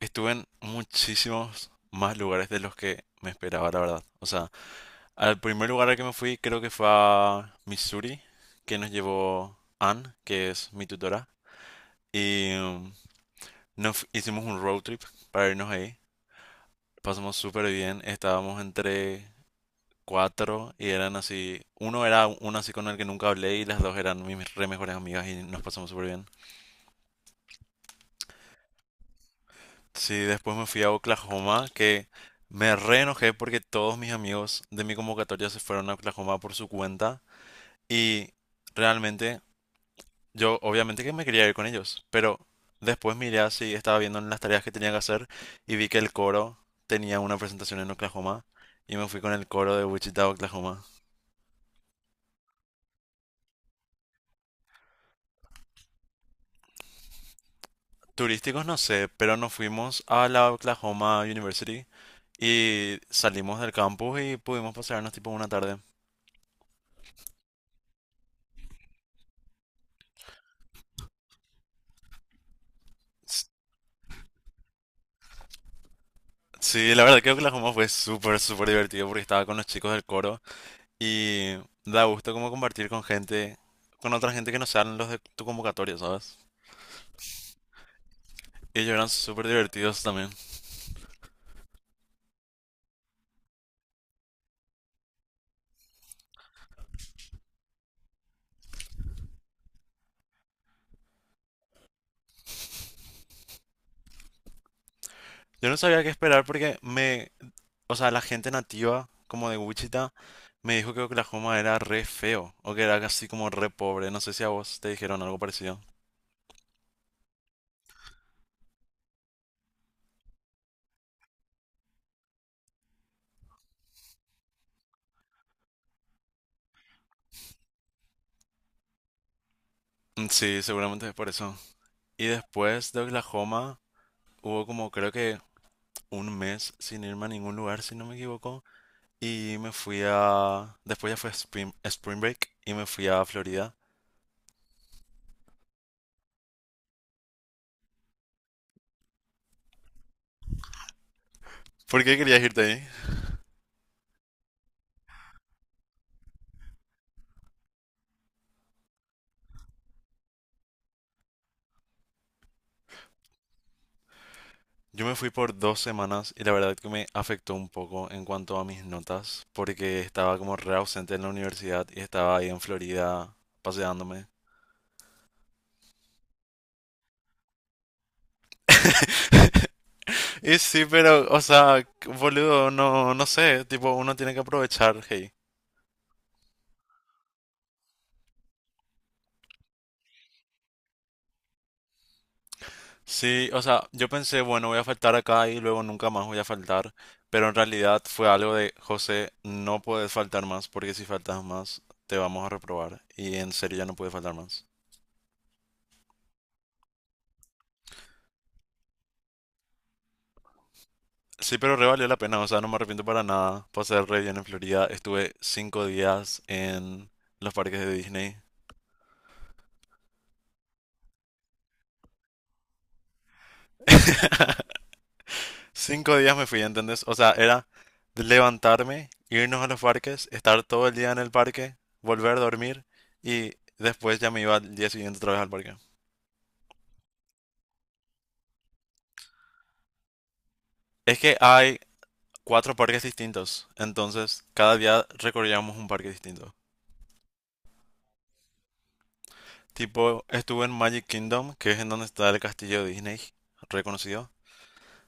Estuve en muchísimos más lugares de los que me esperaba, la verdad. O sea, al primer lugar al que me fui creo que fue a Missouri, que nos llevó Ann, que es mi tutora. Y hicimos un road trip para irnos ahí. Pasamos súper bien. Estábamos entre cuatro, y eran así, uno era uno así con el que nunca hablé y las dos eran mis re mejores amigas y nos pasamos súper bien. Sí, después me fui a Oklahoma, que me re enojé porque todos mis amigos de mi convocatoria se fueron a Oklahoma por su cuenta y realmente yo obviamente que me quería ir con ellos, pero después miré así, estaba viendo en las tareas que tenía que hacer y vi que el coro tenía una presentación en Oklahoma y me fui con el coro de Wichita, Oklahoma. Turísticos no sé, pero nos fuimos a la Oklahoma University y salimos del campus y pudimos pasearnos tipo una tarde. Sí, la verdad creo que la Joma fue súper, súper divertido porque estaba con los chicos del coro y da gusto como compartir con gente, con otra gente que no sean los de tu convocatoria, ¿sabes? Y ellos eran súper divertidos también. Yo no sabía qué esperar porque me, o sea, la gente nativa como de Wichita me dijo que Oklahoma era re feo o que era así como re pobre. No sé si a vos te dijeron algo parecido. Mm, sí, seguramente es por eso. Y después de Oklahoma hubo como creo que un mes sin irme a ningún lugar, si no me equivoco, después ya fue Spring Break y me fui a Florida. ¿Por qué querías irte ahí? Yo me fui por 2 semanas y la verdad que me afectó un poco en cuanto a mis notas, porque estaba como re ausente en la universidad y estaba ahí en Florida paseándome. Y sí, pero, o sea, boludo, no, no sé, tipo, uno tiene que aprovechar, hey. Sí, o sea, yo pensé, bueno, voy a faltar acá y luego nunca más voy a faltar, pero en realidad fue algo de, José, no puedes faltar más porque si faltas más te vamos a reprobar y en serio ya no puedes faltar más. Sí, pero re valió la pena, o sea, no me arrepiento para nada. Pasé re bien en Florida, estuve 5 días en los parques de Disney. 5 días me fui, ¿entendés? O sea, era de levantarme, irnos a los parques, estar todo el día en el parque, volver a dormir y después ya me iba al día siguiente otra vez al parque. Es que hay cuatro parques distintos, entonces cada día recorríamos un parque distinto. Tipo, estuve en Magic Kingdom, que es en donde está el castillo de Disney, reconocido.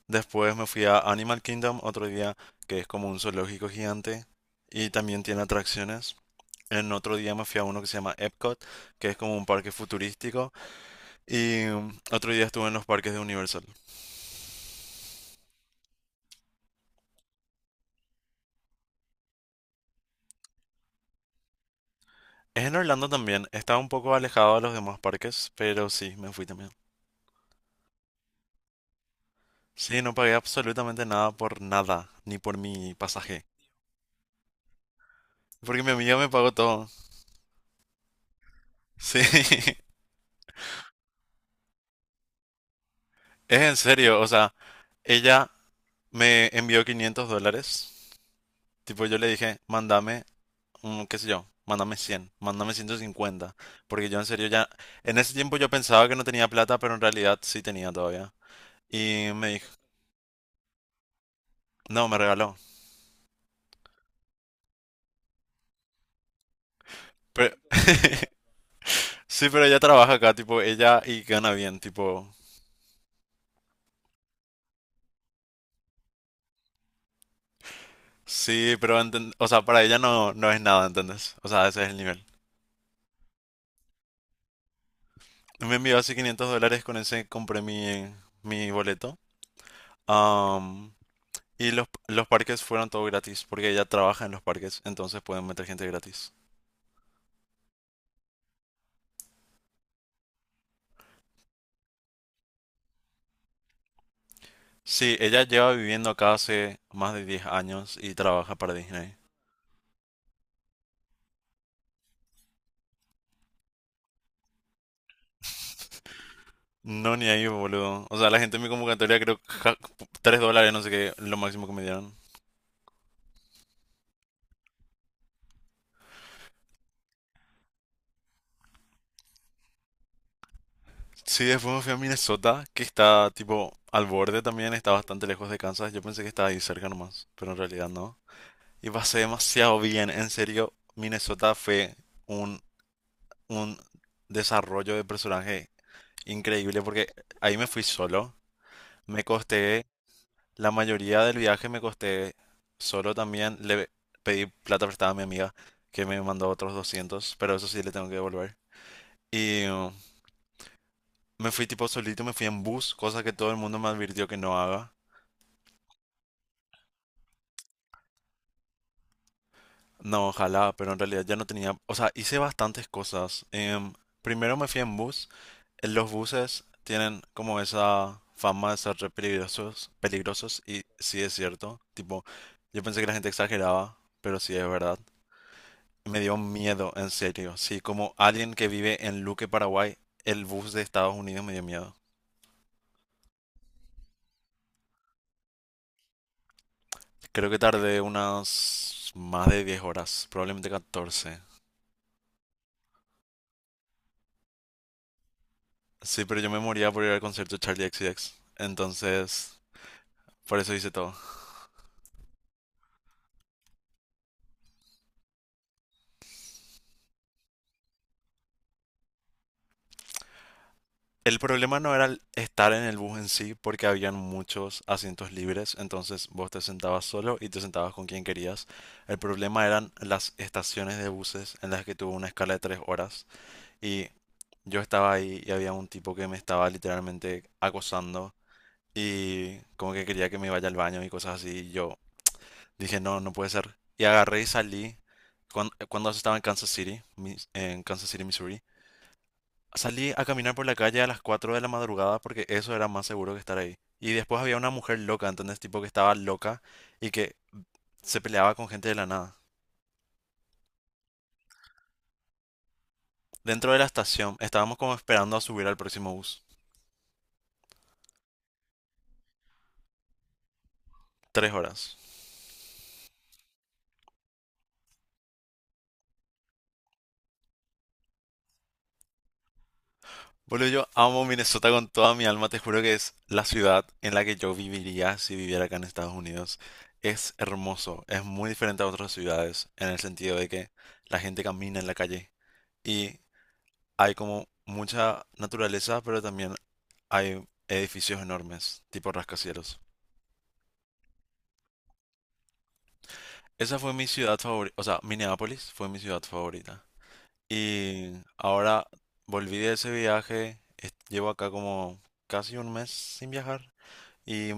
Después me fui a Animal Kingdom otro día, que es como un zoológico gigante y también tiene atracciones. En otro día me fui a uno que se llama Epcot, que es como un parque futurístico. Y otro día estuve en los parques de Universal. Es en Orlando también. Estaba un poco alejado de los demás parques, pero sí, me fui también. Sí, no pagué absolutamente nada por nada, ni por mi pasaje. Porque mi amiga me pagó todo. Sí, es en serio. O sea, ella me envió $500. Tipo, yo le dije, mándame qué sé yo, mándame 100, mándame 150, porque yo en serio ya, en ese tiempo yo pensaba que no tenía plata, pero en realidad sí tenía todavía. Y me dijo, no, me regaló. Pero- sí, pero ella trabaja acá, tipo, ella y gana bien, tipo, sí, pero, o sea, para ella no, no es nada, ¿entendés? O sea, ese es el nivel. Me envió así $500, con ese compré mi boleto. Am, y los parques fueron todo gratis, porque ella trabaja en los parques, entonces pueden meter gente gratis. Sí, ella lleva viviendo acá hace más de 10 años y trabaja para Disney. No, ni ahí, boludo. O sea, la gente en mi convocatoria creo que $3, no sé qué, lo máximo que me dieron. Sí, después me fui a Minnesota, que está tipo al borde también, está bastante lejos de Kansas. Yo pensé que estaba ahí cerca nomás, pero en realidad no. Y pasé demasiado bien, en serio. Minnesota fue un, un desarrollo de personaje increíble porque ahí me fui solo. Me costé La mayoría del viaje me costé solo también. Le pedí plata prestada a mi amiga, que me mandó otros 200, pero eso sí le tengo que devolver. Y uh, Me fui tipo solito, me fui en bus, cosa que todo el mundo me advirtió que no haga. No, ojalá, pero en realidad ya no tenía. O sea, hice bastantes cosas. Primero me fui en bus. En los buses tienen como esa fama de ser re peligrosos y sí es cierto. Tipo, yo pensé que la gente exageraba, pero sí es verdad. Me dio miedo, en serio. Sí, como alguien que vive en Luque, Paraguay, el bus de Estados Unidos me dio miedo. Creo que tardé unas más de 10 horas, probablemente 14. Sí, pero yo me moría por ir al concierto de Charlie XCX. Entonces, por eso hice todo. El problema no era el estar en el bus en sí, porque habían muchos asientos libres, entonces vos te sentabas solo y te sentabas con quien querías. El problema eran las estaciones de buses en las que tuvo una escala de 3 horas, y yo estaba ahí y había un tipo que me estaba literalmente acosando y como que quería que me vaya al baño y cosas así. Y yo dije, no, no puede ser. Y agarré y salí cuando eso estaba en Kansas City, en Kansas City, Missouri. Salí a caminar por la calle a las 4 de la madrugada porque eso era más seguro que estar ahí. Y después había una mujer loca, ¿entendés? Tipo que estaba loca y que se peleaba con gente de la nada. Dentro de la estación estábamos como esperando a subir al próximo bus. 3 horas. Boludo, yo amo Minnesota con toda mi alma. Te juro que es la ciudad en la que yo viviría si viviera acá en Estados Unidos. Es hermoso, es muy diferente a otras ciudades en el sentido de que la gente camina en la calle y hay como mucha naturaleza, pero también hay edificios enormes, tipo rascacielos. Esa fue mi ciudad favorita, o sea, Minneapolis fue mi ciudad favorita. Y ahora volví de ese viaje, llevo acá como casi un mes sin viajar. Y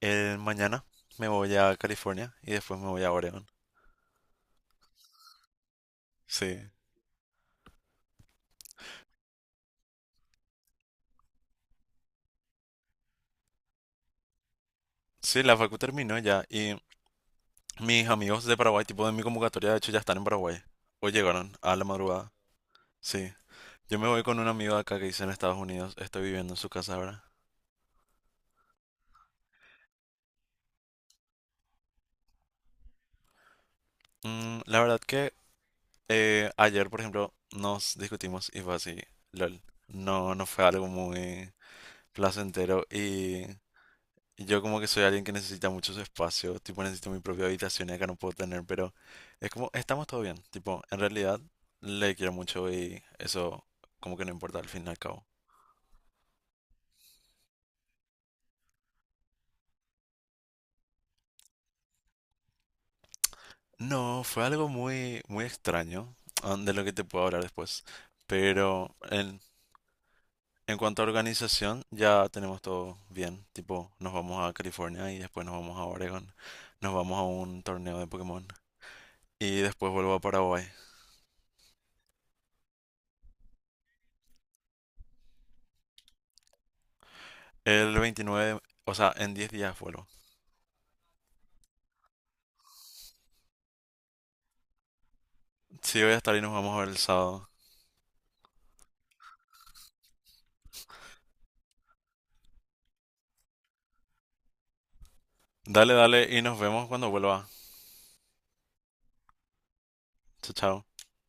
el mañana me voy a California y después me voy a Oregon. Sí, Sí, la facu terminó ya y mis amigos de Paraguay, tipo de mi convocatoria, de hecho ya están en Paraguay. Hoy llegaron a la madrugada. Sí. Yo me voy con un amigo de acá que dice en Estados Unidos, estoy viviendo en su casa ahora. Mm, la verdad que ayer, por ejemplo, nos discutimos y fue así, lol. No, no fue algo muy placentero. Y yo como que soy alguien que necesita muchos espacios, tipo necesito mi propia habitación y acá no puedo tener, pero es como, estamos todo bien, tipo, en realidad le quiero mucho y eso como que no importa al fin y al cabo. No, fue algo muy, muy extraño, ah, de lo que te puedo hablar después, pero en cuanto a organización ya tenemos todo bien, tipo, nos vamos a California y después nos vamos a Oregon, nos vamos a un torneo de Pokémon y después vuelvo a Paraguay. El 29, o sea, en 10 días vuelvo. Sí, voy a estar y nos vamos a ver el sábado. Dale, dale y nos vemos cuando vuelva. Chao, chao.